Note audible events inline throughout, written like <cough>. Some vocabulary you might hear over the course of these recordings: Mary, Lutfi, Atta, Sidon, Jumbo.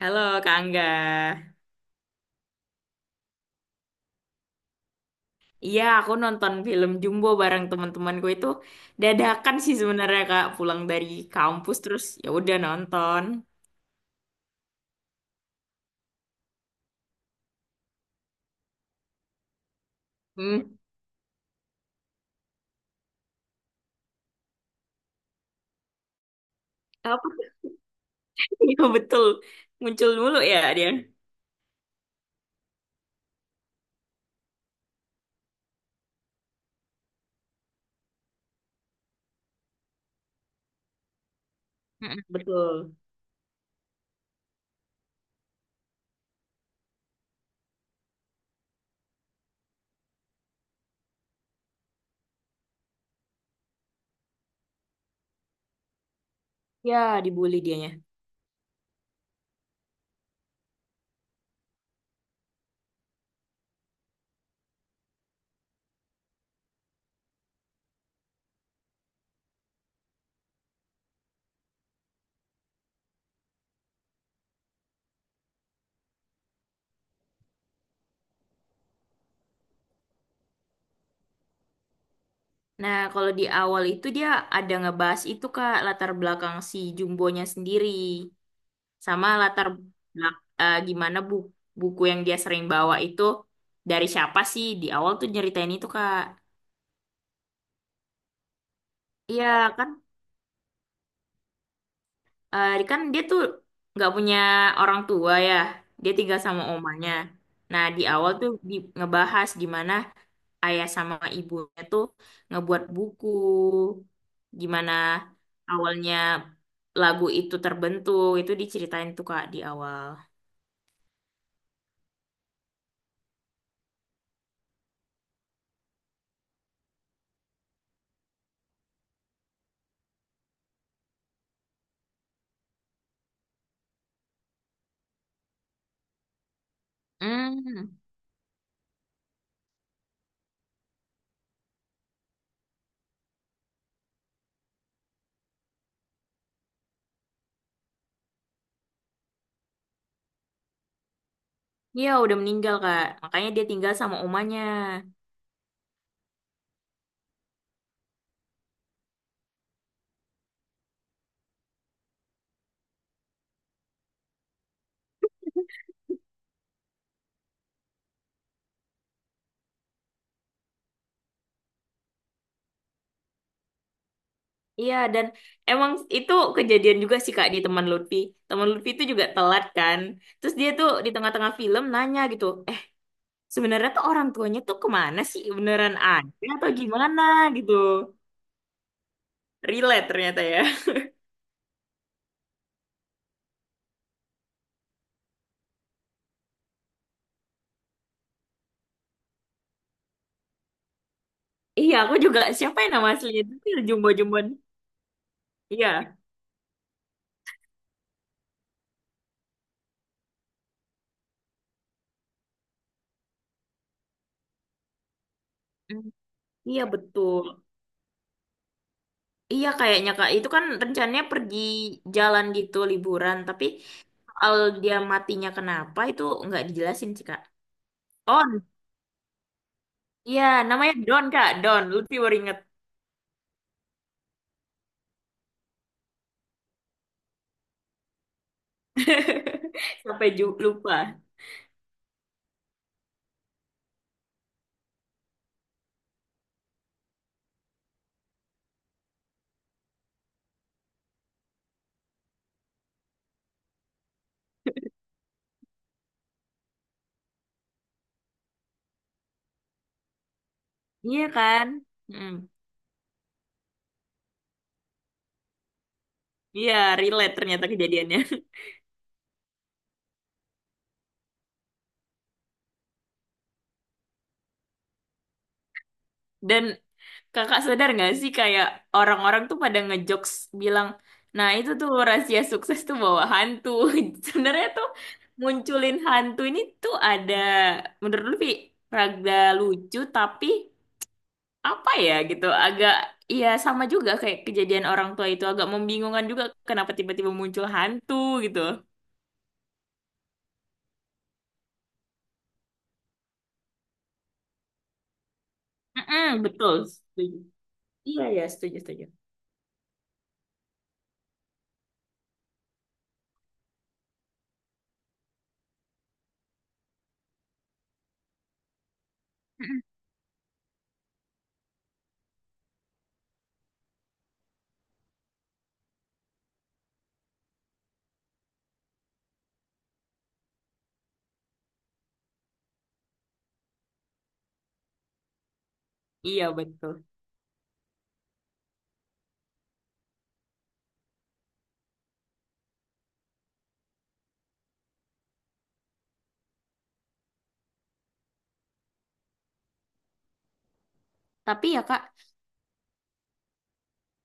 Halo Kak Angga. Iya, aku nonton film Jumbo bareng teman-temanku itu dadakan sih sebenarnya Kak, pulang dari kampus terus ya udah nonton. Hmm, apa sih? <laughs> Iya betul, muncul mulu ya dia. Mm-mm, betul. Ya, dibully dianya. Nah, kalau di awal itu dia ada ngebahas itu Kak, latar belakang si Jumbonya sendiri sama latar belak- eh, gimana bu buku yang dia sering bawa itu dari siapa sih? Di awal tuh nyeritain itu Kak. Iya kan, kan dia tuh nggak punya orang tua ya, dia tinggal sama omanya. Nah di awal tuh ngebahas gimana ayah sama ibunya tuh ngebuat buku, gimana awalnya lagu itu terbentuk, itu diceritain tuh Kak di awal. Hmm, iya udah meninggal Kak, makanya dia tinggal sama omanya. Iya, dan emang itu kejadian juga sih Kak di teman Lutfi. Teman Lutfi itu juga telat kan. Terus dia tuh di tengah-tengah film nanya gitu, sebenarnya tuh orang tuanya tuh kemana sih? Beneran ada atau gimana gitu. Relate ternyata ya. <laughs> Iya, aku juga siapa yang nama aslinya itu Jumbo-Jumbon. Iya. Mm, iya betul. Iya kayaknya Kak, itu kan rencananya pergi jalan gitu liburan, tapi al dia matinya kenapa itu nggak dijelasin sih Kak. Oh, iya, namanya Don, Kak. Don, Lutfi baru inget. <laughs> Sampai lupa. Iya kan? Mm. Iya, relate ternyata kejadiannya. <laughs> Dan kakak sadar nggak sih kayak orang-orang tuh pada ngejokes bilang, nah itu tuh rahasia sukses tuh bawa hantu. <laughs> Sebenarnya tuh munculin hantu ini tuh ada, menurut Lutfi, rada lucu tapi apa ya gitu agak, ya sama juga kayak kejadian orang tua itu agak membingungkan juga kenapa tiba-tiba muncul hantu gitu. Mm-mm, betul. Setuju. Iya ya setuju setuju. Mm-mm. Iya betul. Tapi ya Kak,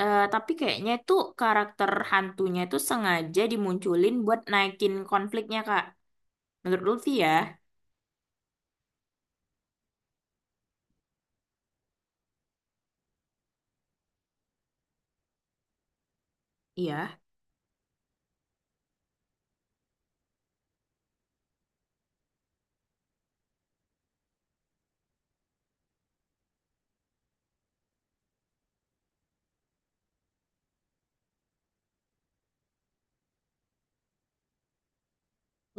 tapi kayaknya itu karakter hantunya itu sengaja dimunculin buat naikin konfliknya Kak. Menurut Lutfi ya. Iya.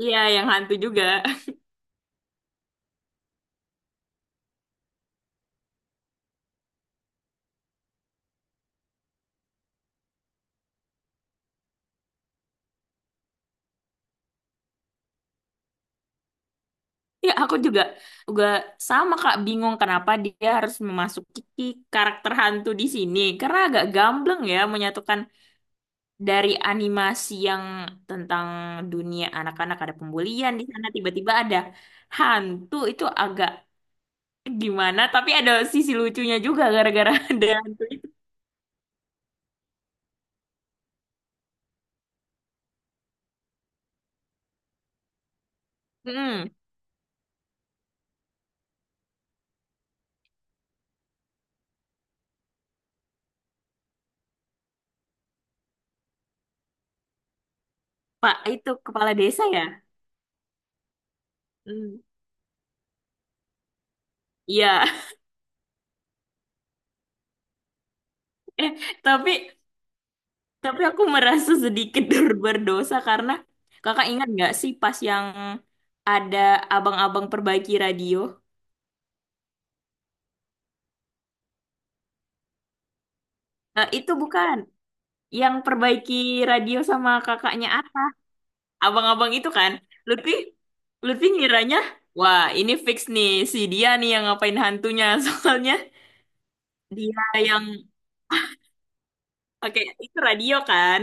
Iya yang hantu juga. Ya, aku juga juga sama Kak bingung kenapa dia harus memasuki karakter hantu di sini. Karena agak gambleng ya menyatukan dari animasi yang tentang dunia anak-anak ada pembulian di sana tiba-tiba ada hantu itu agak gimana tapi ada sisi lucunya juga gara-gara <laughs> ada hantu itu. Mm, Pak itu kepala desa ya? Hmm. Iya. <laughs> Eh, tapi Tapi aku merasa sedikit <laughs> berdosa karena kakak ingat nggak sih pas yang ada abang-abang perbaiki radio? Eh, itu bukan yang perbaiki radio sama kakaknya Atta. Abang-abang itu kan, Lutfi, Lutfi ngiranya, wah ini fix nih si dia nih yang ngapain hantunya <laughs> soalnya dia yang pakai itu radio kan?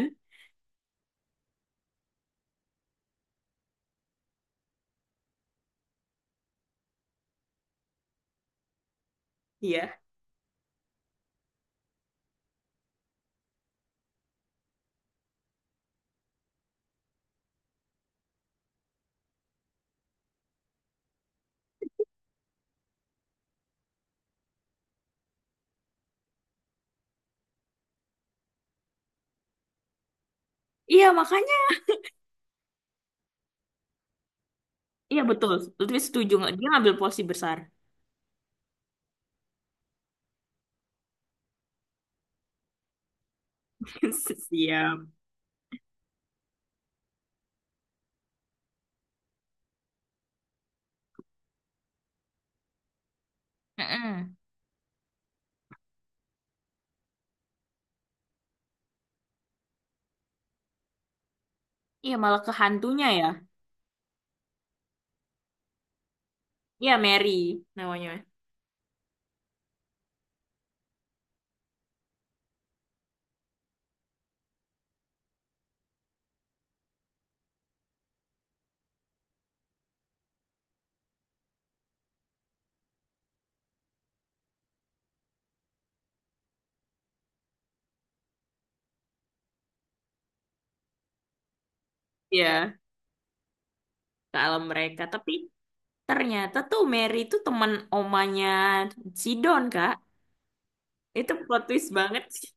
Iya, iya makanya, iya betul. Lutfi setuju nggak? Dia ngambil posisi besar. <laughs> Siap. Mm-mm. Iya malah ke hantunya ya. Iya, Mary namanya. Iya, ke alam mereka. Tapi ternyata tuh Mary itu teman omanya Sidon, Kak. Itu plot twist banget sih.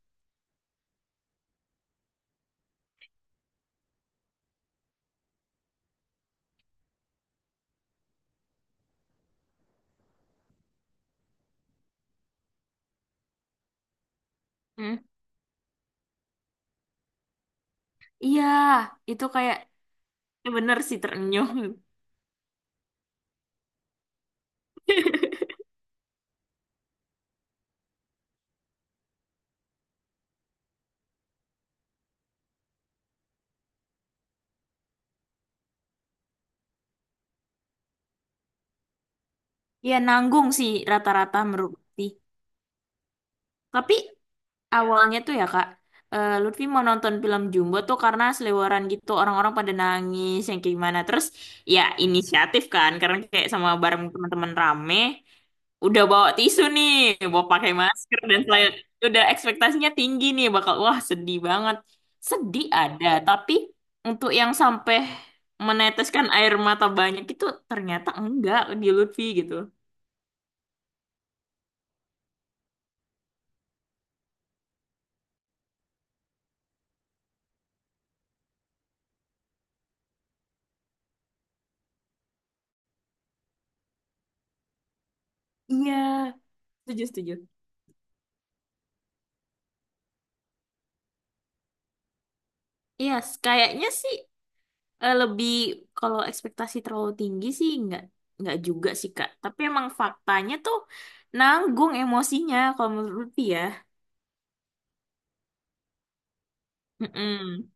Hmm. Iya, itu kayak bener sih terenyuh. <laughs> Iya, nanggung sih rata-rata menurut Bukti. Tapi Awalnya tuh ya Kak, Lutfi mau nonton film Jumbo tuh karena selebaran gitu orang-orang pada nangis yang kayak gimana. Terus ya inisiatif kan karena kayak sama bareng teman-teman rame, udah bawa tisu nih, bawa pakai masker dan saya udah ekspektasinya tinggi nih bakal wah sedih banget. Sedih ada, tapi untuk yang sampai meneteskan air mata banyak itu ternyata enggak di Lutfi gitu. Iya, setuju, setuju. Iya, kayaknya sih lebih kalau ekspektasi terlalu tinggi sih nggak juga sih Kak. Tapi emang faktanya tuh nanggung emosinya kalau menurut Lutfi ya. Mm-mm.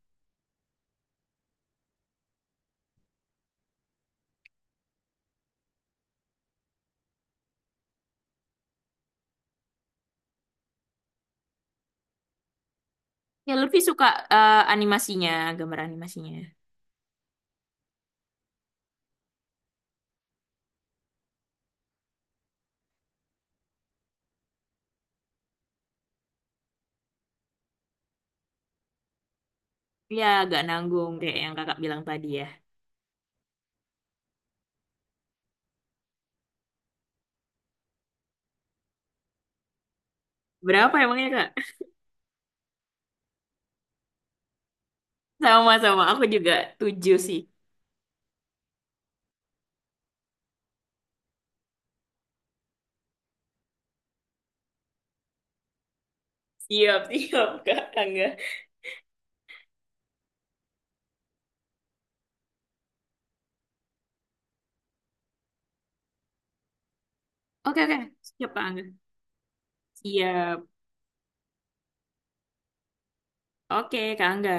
Ya Lutfi suka animasinya, gambar animasinya. Ya agak nanggung kayak yang Kakak bilang tadi ya. Berapa emangnya Kak? <laughs> Sama-sama, aku juga tujuh sih. Siap, siap Kak Angga. Oke, oke. Siap Kak Angga. Siap. Oke Kak Angga.